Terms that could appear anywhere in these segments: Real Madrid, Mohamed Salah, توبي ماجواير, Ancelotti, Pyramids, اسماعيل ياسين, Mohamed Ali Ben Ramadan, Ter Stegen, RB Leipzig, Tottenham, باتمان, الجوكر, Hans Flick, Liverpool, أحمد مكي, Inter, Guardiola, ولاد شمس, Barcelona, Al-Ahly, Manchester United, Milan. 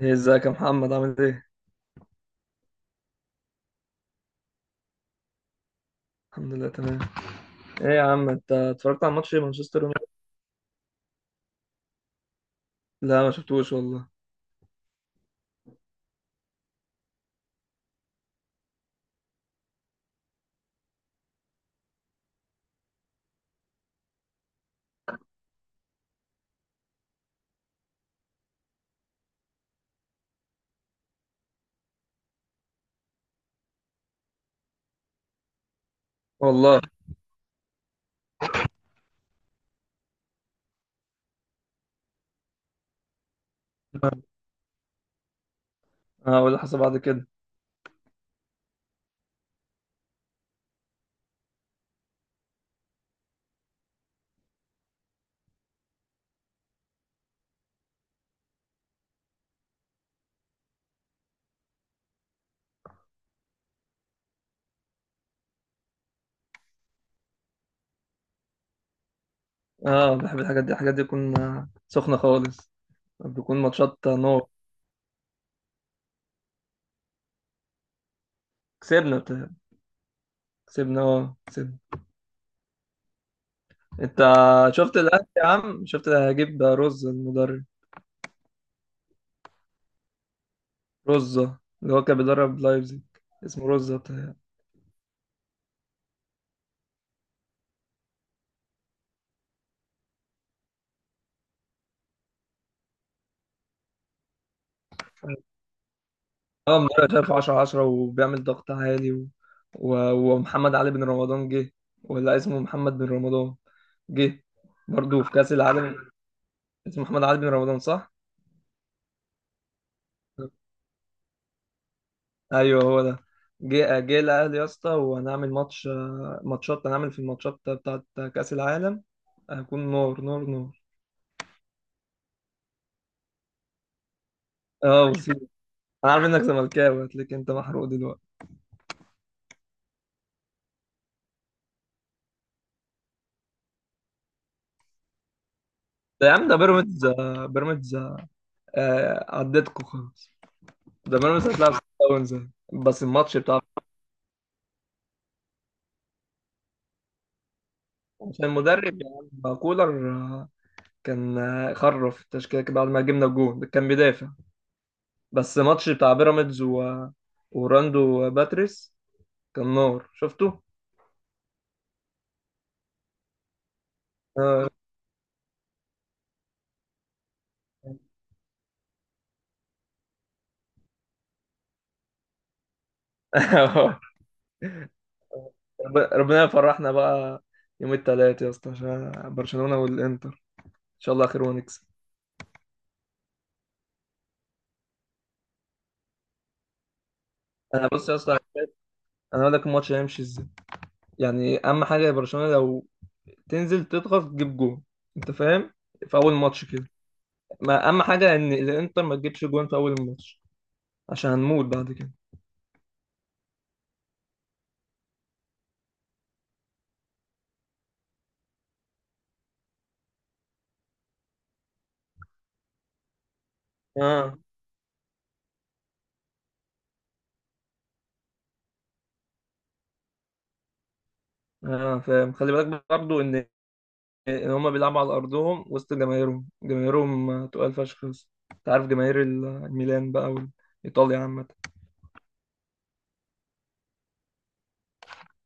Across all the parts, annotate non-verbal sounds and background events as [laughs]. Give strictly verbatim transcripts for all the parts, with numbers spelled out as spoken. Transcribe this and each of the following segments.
ايه ازيك يا محمد، عامل ايه؟ الحمد لله تمام. ايه يا عم، انت اتفرجت على ماتش مانشستر يونايتد؟ لا، ما شفتوش والله. والله. اه، واللي حصل بعد كده؟ اه، بحب الحاجات دي الحاجات دي تكون آه، سخنة خالص، بتكون ماتشات نور. كسبنا بتاع. كسبنا، اه كسبنا. انت شفت الاهلي يا عم؟ شفت اللي هجيب، رز المدرب، رزة اللي هو كان بيدرب لايبزيج، اسمه رزة بتاع. اه، مدرب شايف عشرة عشرة، وبيعمل ضغط عالي و... و... ومحمد علي بن رمضان جه. ولا اسمه محمد بن رمضان، جه برضه في كأس العالم. اسمه محمد علي بن رمضان صح؟ ايوه هو ده. جه جه الاهلي يا اسطى، وهنعمل ماتش. آه، ماتشات، هنعمل في الماتشات بتاعت كأس العالم. هيكون نور نور نور. اه، وسيم. انا عارف انك زملكاوي، هتلاقيك انت محروق دلوقتي. ده يا عم، ده بيراميدز، آه، بيراميدز. آه، عدتكوا خلاص. ده بيراميدز هتلعب سان داونز. بس الماتش بتاع، عشان المدرب، يا عم كولر، آه، كان آه، خرف التشكيلة كده بعد ما جبنا الجون، كان بيدافع. بس ماتش بتاع بيراميدز و... وراندو باتريس، كان نار، شفته؟ آه، [laughs] رب- ربنا يفرحنا بقى. يوم التلات يا اسطى، عشان برشلونة والانتر ان شاء الله خير ونكسب. انا بص يا اسطى، انا اقول لك الماتش هيمشي ازاي. يعني اهم حاجة يا برشلونة، لو تنزل تضغط تجيب جون، انت فاهم، في اول ماتش كده. ما اهم حاجة ان الانتر ما تجيبش جون في اول الماتش، عشان هنموت بعد كده. اه. اه، فاهم. خلي بالك برضه ان ان هما بيلعبوا على ارضهم وسط جماهيرهم جماهيرهم تقال فشخ. بس انت عارف جماهير ال- الميلان بقى، وايطاليا عامه،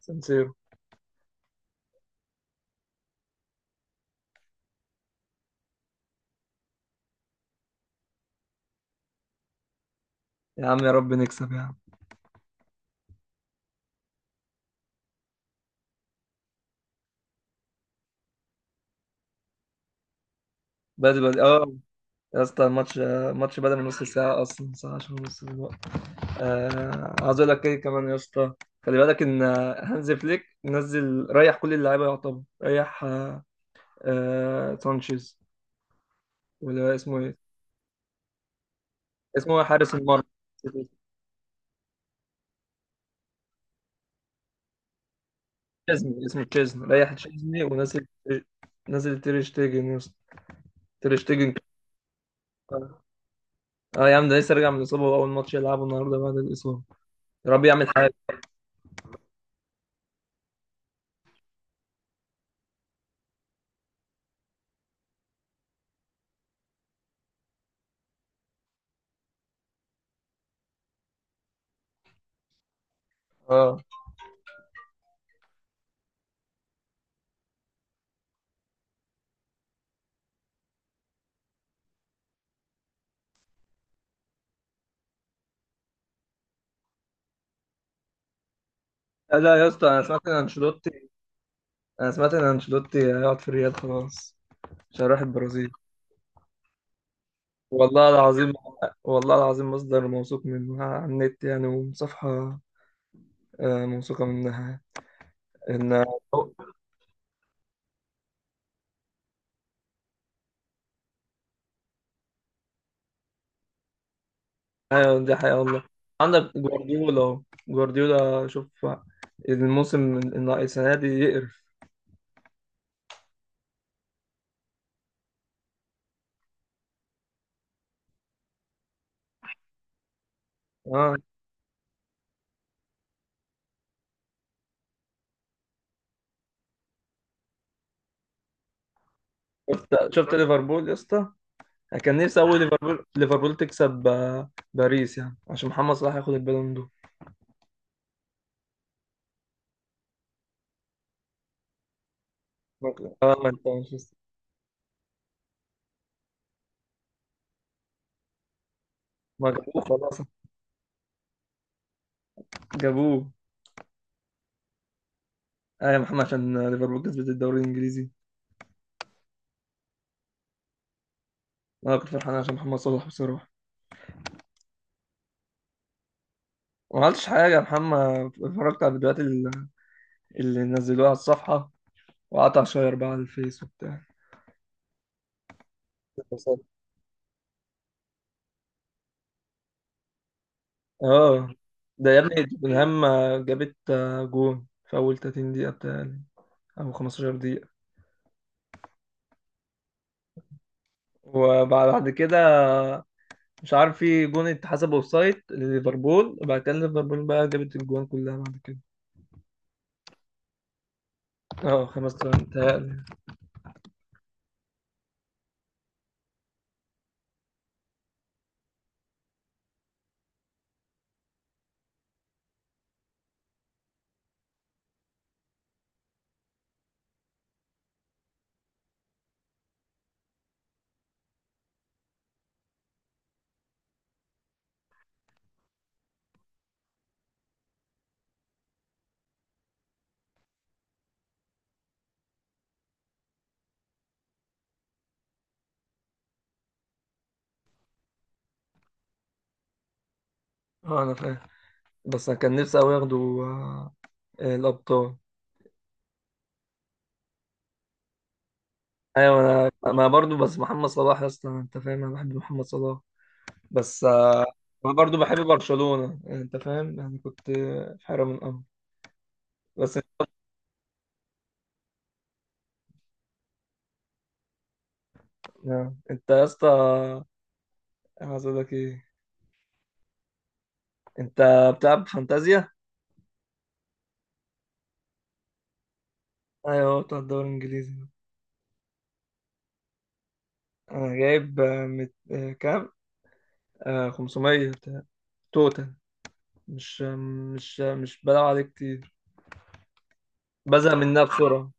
سانسيرو. يا عم، يا رب نكسب يا عم. بدري بدري، اه. يا اسطى، الماتش الماتش بدأ من نص ساعة، أصلا ساعة، عشان نص الوقت. آه عايز أقول لك إيه كمان يا اسطى، خلي بالك إن هانز فليك نزل، ريح كل اللعيبة، يعتبر ريح. آه آه سانشيز، ولا اسمه إيه؟ اسمه إيه؟ حارس المرمى. تشيزني، اسمه تشيزني. ريح تشيزني، ونزل، نزل تير شتيجن يا اسطى. تير شتيجن. اه. آه يا عم، ده لسه راجع من الاصابه، واول ماتش يلعبه النهارده بعد الاصابه. يا رب يعمل حاجه. اه، لا لا يا اسطى، انا سمعت ان انشيلوتي، انا سمعت ان انشيلوتي هيقعد في الريال خلاص، مش هيروح البرازيل. والله العظيم. والله العظيم، مصدر موثوق منه على النت يعني، وصفحه آه، موثوقه منها. ان ايوه، دي حقيقة والله. عندك جوارديولا اهو. جوارديولا، شوف الموسم، ال- السنة دي يقرف. اه، شفت شفت ليفربول يا اسطى؟ أنا كان نفسي اول، ليفربول ليفربول تكسب آه، باريس، يعني عشان محمد صلاح ياخد البالون دور. ما- اه، ما انت مش لسه- ما جابوه خلاص. جابوه. ايوه محمد، عشان ليفربول كسبت الدوري الانجليزي. انا كنت فرحان عشان محمد صلاح بصراحة. ما عملتش حاجة يا محمد، اتفرجت على الفيديوهات اللي اللي نزلوها على الصفحة، وقعدت اشير بقى على الفيس وبتاع. اه، ده يا ابني توتنهام جابت آه، جون في اول ثلاثين دقيقة بتاعي، او خمستاشر دقيقة. وبعد كده، مش عارف، في جون اتحسب اوفسايد لليفربول، وبعد كده ليفربول بقى جابت الجوان كلها بعد كده. اه، خمس تلاتة متهيألي. اه، انا فاهم. بس انا كان نفسي قوي ياخدوا آه، الابطال. ايوه انا، ما برضو، بس محمد صلاح يا اسطى، انت فاهم، انا بحب محمد صلاح بس. آه، انا برضو بحب برشلونة يعني، انت فاهم، يعني كنت آه، في حيرة من الامر بس. آه. انت يا اسطى، انا عايز اقول لك ايه. انت بتلعب فانتازيا؟ ايوه، بتاع الدوري الانجليزي. انا جايب آه، مت... آه، كام، آه خمسمائة بتاع- توتال. مش آه، مش آه، مش بلعب عليه كتير، بزهق منها بسرعه.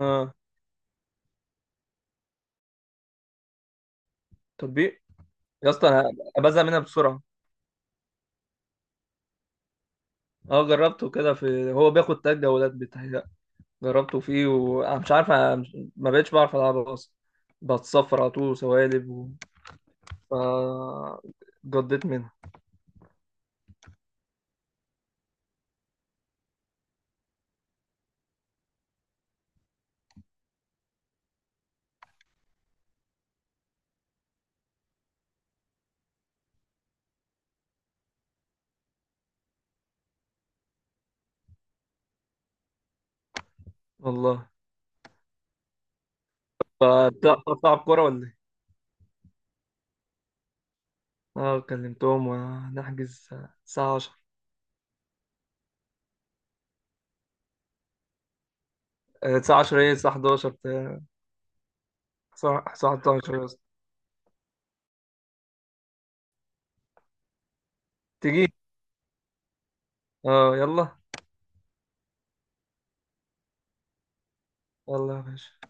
اه، تطبيق. يا اسطى، انا بزهق منها بسرعه. اه، جربته كده، في هو بياخد تلات جولات، بتهيأ جربته فيه، وانا مش عارف، أنا مش- ما بقتش بعرف العبه اصلا، بتصفر على طول وسوالب و... ف جضيت منها. والله. فبتلعب كورة ولا ايه؟ اه، كلمتهم، ونحجز الساعة عشرة. آه، الساعة عشرة، ايه، الساعة حداشر بتاع، الساعة حداشر يا اسطى. تيجي؟ اه، يلا. يلا يا باشا.